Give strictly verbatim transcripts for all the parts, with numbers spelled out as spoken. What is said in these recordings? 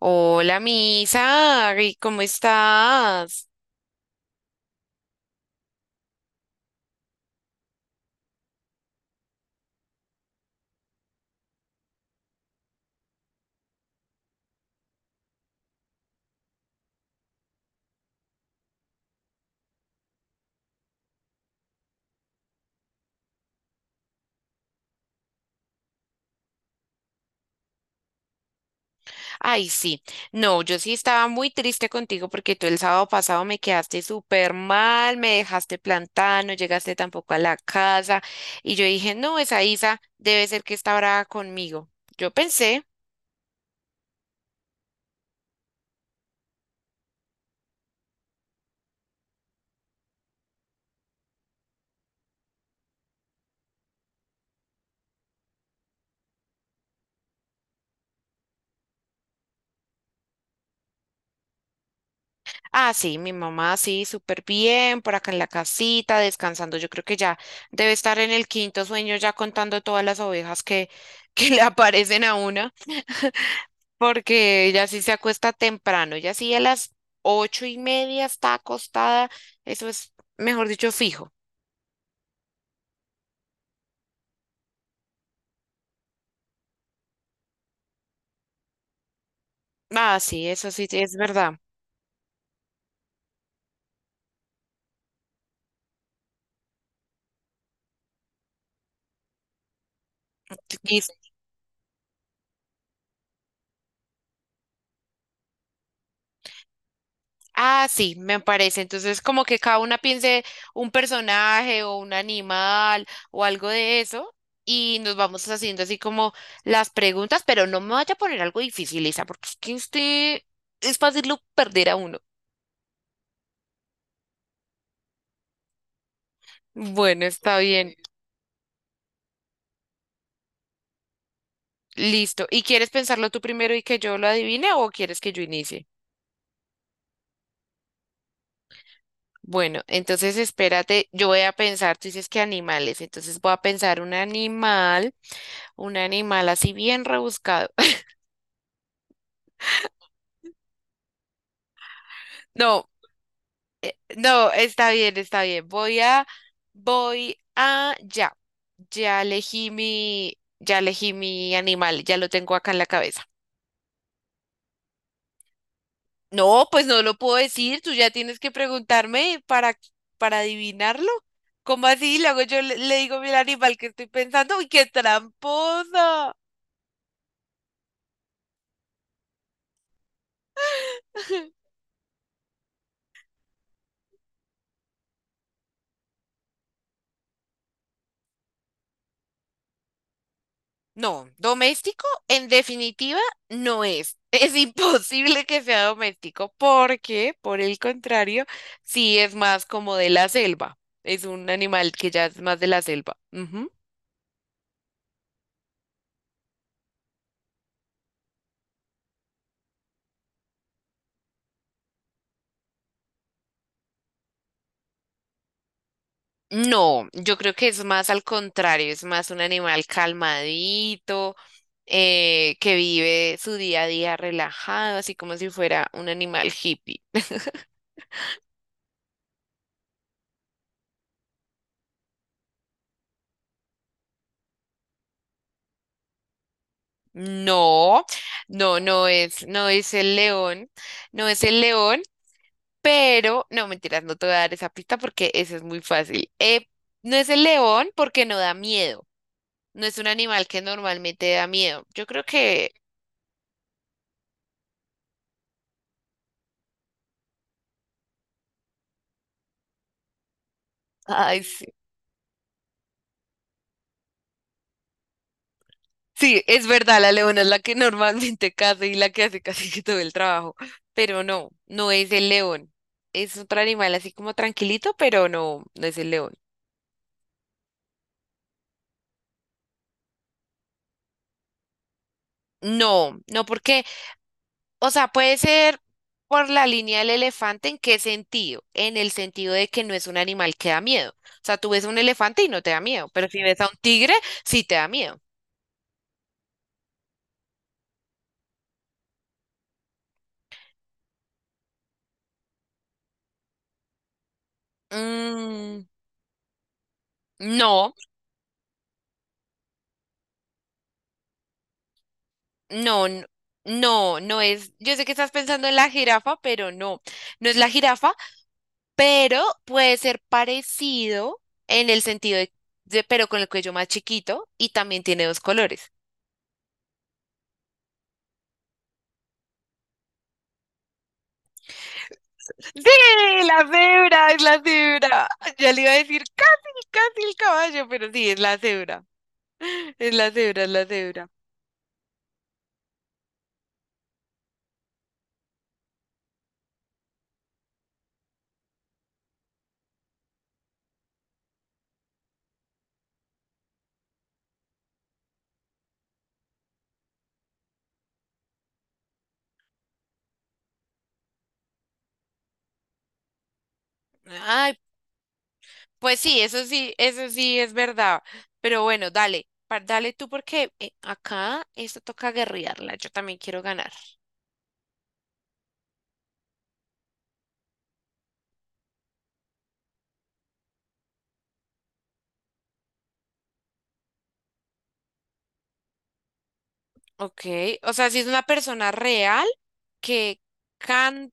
Hola, Misa, ay, ¿cómo estás? Ay, sí, no, yo sí estaba muy triste contigo porque tú el sábado pasado me quedaste súper mal, me dejaste plantada, no llegaste tampoco a la casa y yo dije, no, esa Isa debe ser que está brava conmigo. Yo pensé. Ah, sí, mi mamá sí, súper bien, por acá en la casita, descansando, yo creo que ya debe estar en el quinto sueño ya contando todas las ovejas que, que le aparecen a una. Porque ella sí se acuesta temprano, ella sí a las ocho y media está acostada, eso es, mejor dicho, fijo. Ah, sí, eso sí, sí es verdad. Y- ah, sí, me parece. Entonces, como que cada una piense un personaje o un animal o algo de eso. Y nos vamos haciendo así como las preguntas, pero no me vaya a poner algo difícil, Isa, porque es que usted es fácil lo perder a uno. Bueno, está bien. Listo. ¿Y quieres pensarlo tú primero y que yo lo adivine o quieres que yo inicie? Bueno, entonces espérate, yo voy a pensar, tú dices que animales, entonces voy a pensar un animal, un animal así bien rebuscado. No, no, está bien, está bien. Voy a, voy a, ya, ya elegí mi, ya elegí mi animal, ya lo tengo acá en la cabeza. No, pues no lo puedo decir, tú ya tienes que preguntarme para, para adivinarlo. ¿Cómo así? Luego yo le, le digo, mira, animal que estoy pensando, uy, qué tramposa. No, doméstico en definitiva no es. Es imposible que sea doméstico porque, por el contrario, sí es más como de la selva. Es un animal que ya es más de la selva. Ujú. No, yo creo que es más al contrario, es más un animal calmadito, eh, que vive su día a día relajado, así como si fuera un animal hippie. No, no, no es, no es el león, no es el león, pero no, mentiras, no te voy a dar esa pista porque eso es muy fácil. Eh, no es el león porque no da miedo, no es un animal que normalmente da miedo. Yo creo que. Ay, sí. Sí, es verdad, la leona es la que normalmente caza y la que hace casi que todo el trabajo, pero no, no es el león. Es otro animal así como tranquilito, pero no, no es el león. No, no porque, o sea, puede ser por la línea del elefante, ¿en qué sentido? En el sentido de que no es un animal que da miedo. O sea, tú ves a un elefante y no te da miedo, pero si ves a un tigre, sí te da miedo. Mm, no. No, n- no, no es. Yo sé que estás pensando en la jirafa, pero no, no es la jirafa, pero puede ser parecido en el sentido de, de- pero con el cuello más chiquito y también tiene dos colores. Sí, la cebra, es la cebra. Ya le iba a decir casi, casi el caballo, pero sí, es la cebra. Es la cebra, es la cebra. Ay, pues sí, eso sí, eso sí es verdad. Pero bueno, dale, pa- dale tú porque eh, acá esto toca guerrearla. Yo también quiero ganar. Ok, o sea, si es una persona real que can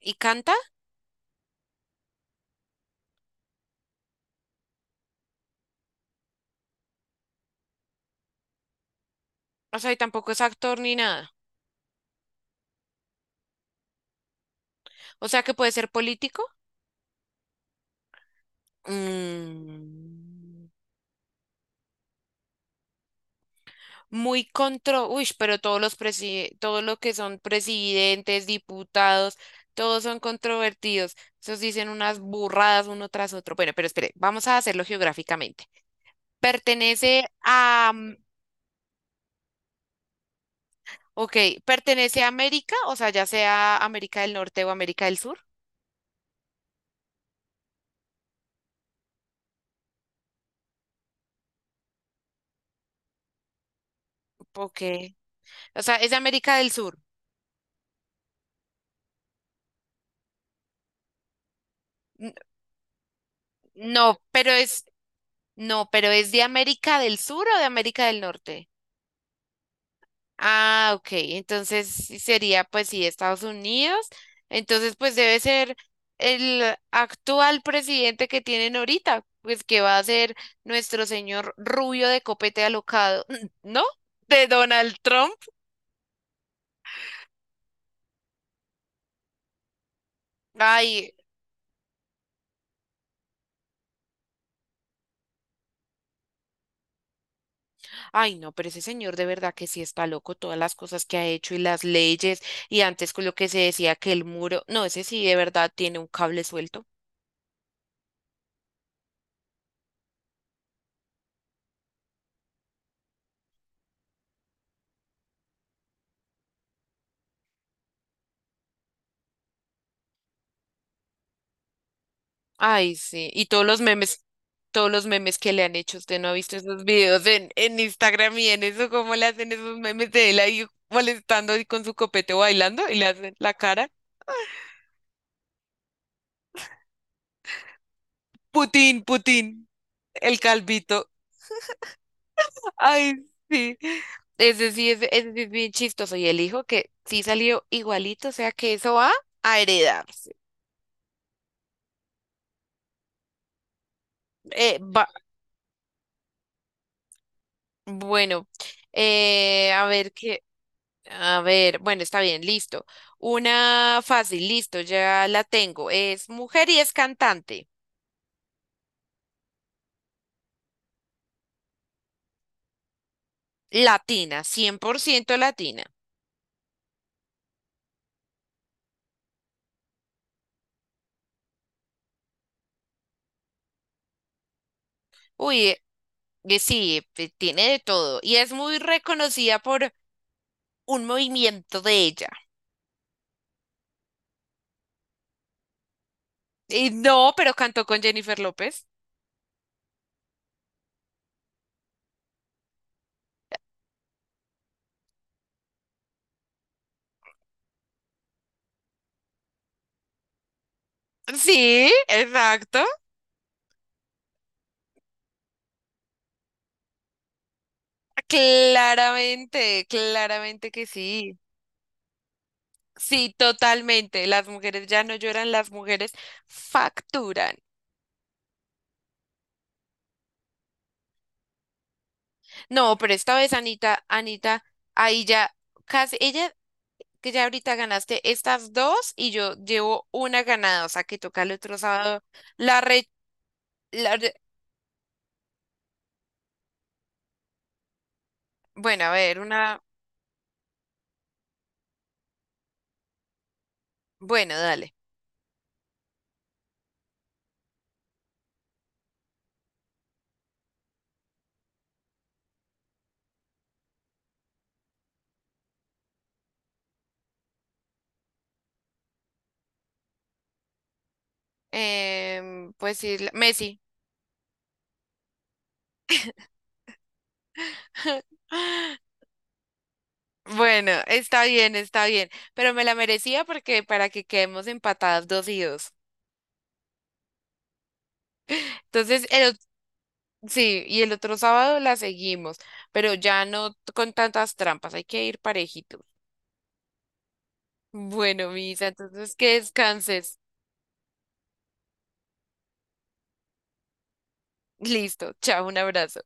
y canta, o sea, y tampoco es actor ni nada. O sea, que puede ser político. Mm. Muy contro, uy, pero todos los presi- todos los que son presidentes, diputados, todos son controvertidos. Esos dicen unas burradas uno tras otro. Bueno, pero espere, vamos a hacerlo geográficamente. ¿Pertenece a, mm, ok, pertenece a América, o sea, ya sea América del Norte o América del Sur? Ok. O sea, es de América del Sur. N- No, pero es, no, pero es de América del Sur o de América del Norte. Ah, ok. Entonces sí sería, pues sí, Estados Unidos. Entonces, pues debe ser el actual presidente que tienen ahorita, pues que va a ser nuestro señor rubio de copete alocado, ¿no? De Donald Trump. Ay, ay, no, pero ese señor de verdad que sí está loco, todas las cosas que ha hecho y las leyes, y antes con lo que se decía que el muro, no, ese sí de verdad tiene un cable suelto. Ay, sí. Y todos los memes, todos los memes que le han hecho, usted no ha visto esos videos en, en, Instagram y en eso, cómo le hacen esos memes de él ahí molestando y con su copete bailando y le hacen la cara. Putin, Putin, el calvito. Ay, sí. Ese sí, es- ese, sí es bien chistoso. Y el hijo que sí salió igualito, o sea que eso va a heredarse. Eh, va. Bueno, eh, a ver qué. A ver, bueno, está bien, listo. Una fácil, listo, ya la tengo. Es mujer y es cantante. Latina, cien por ciento latina. Uy, eh, eh, sí, eh, tiene de todo. Y es muy reconocida por un movimiento de ella. Y no, pero cantó con Jennifer López. Sí, exacto. Claramente, claramente que sí. Sí, totalmente. Las mujeres ya no lloran, las mujeres facturan. No, pero esta vez, Anita, Anita, ahí ya casi, ella, que ya ahorita ganaste estas dos y yo llevo una ganada, o sea que toca el otro sábado. La re, la re- bueno, a ver, una, bueno, dale. Em, pues sí, la- Messi. Bueno, está bien, está bien, pero me la merecía porque para que quedemos empatadas dos y dos. Entonces, el, ot- sí, y el otro sábado la seguimos, pero ya no t- con tantas trampas, hay que ir parejitos. Bueno, Misa, entonces que descanses. Listo, chao, un abrazo.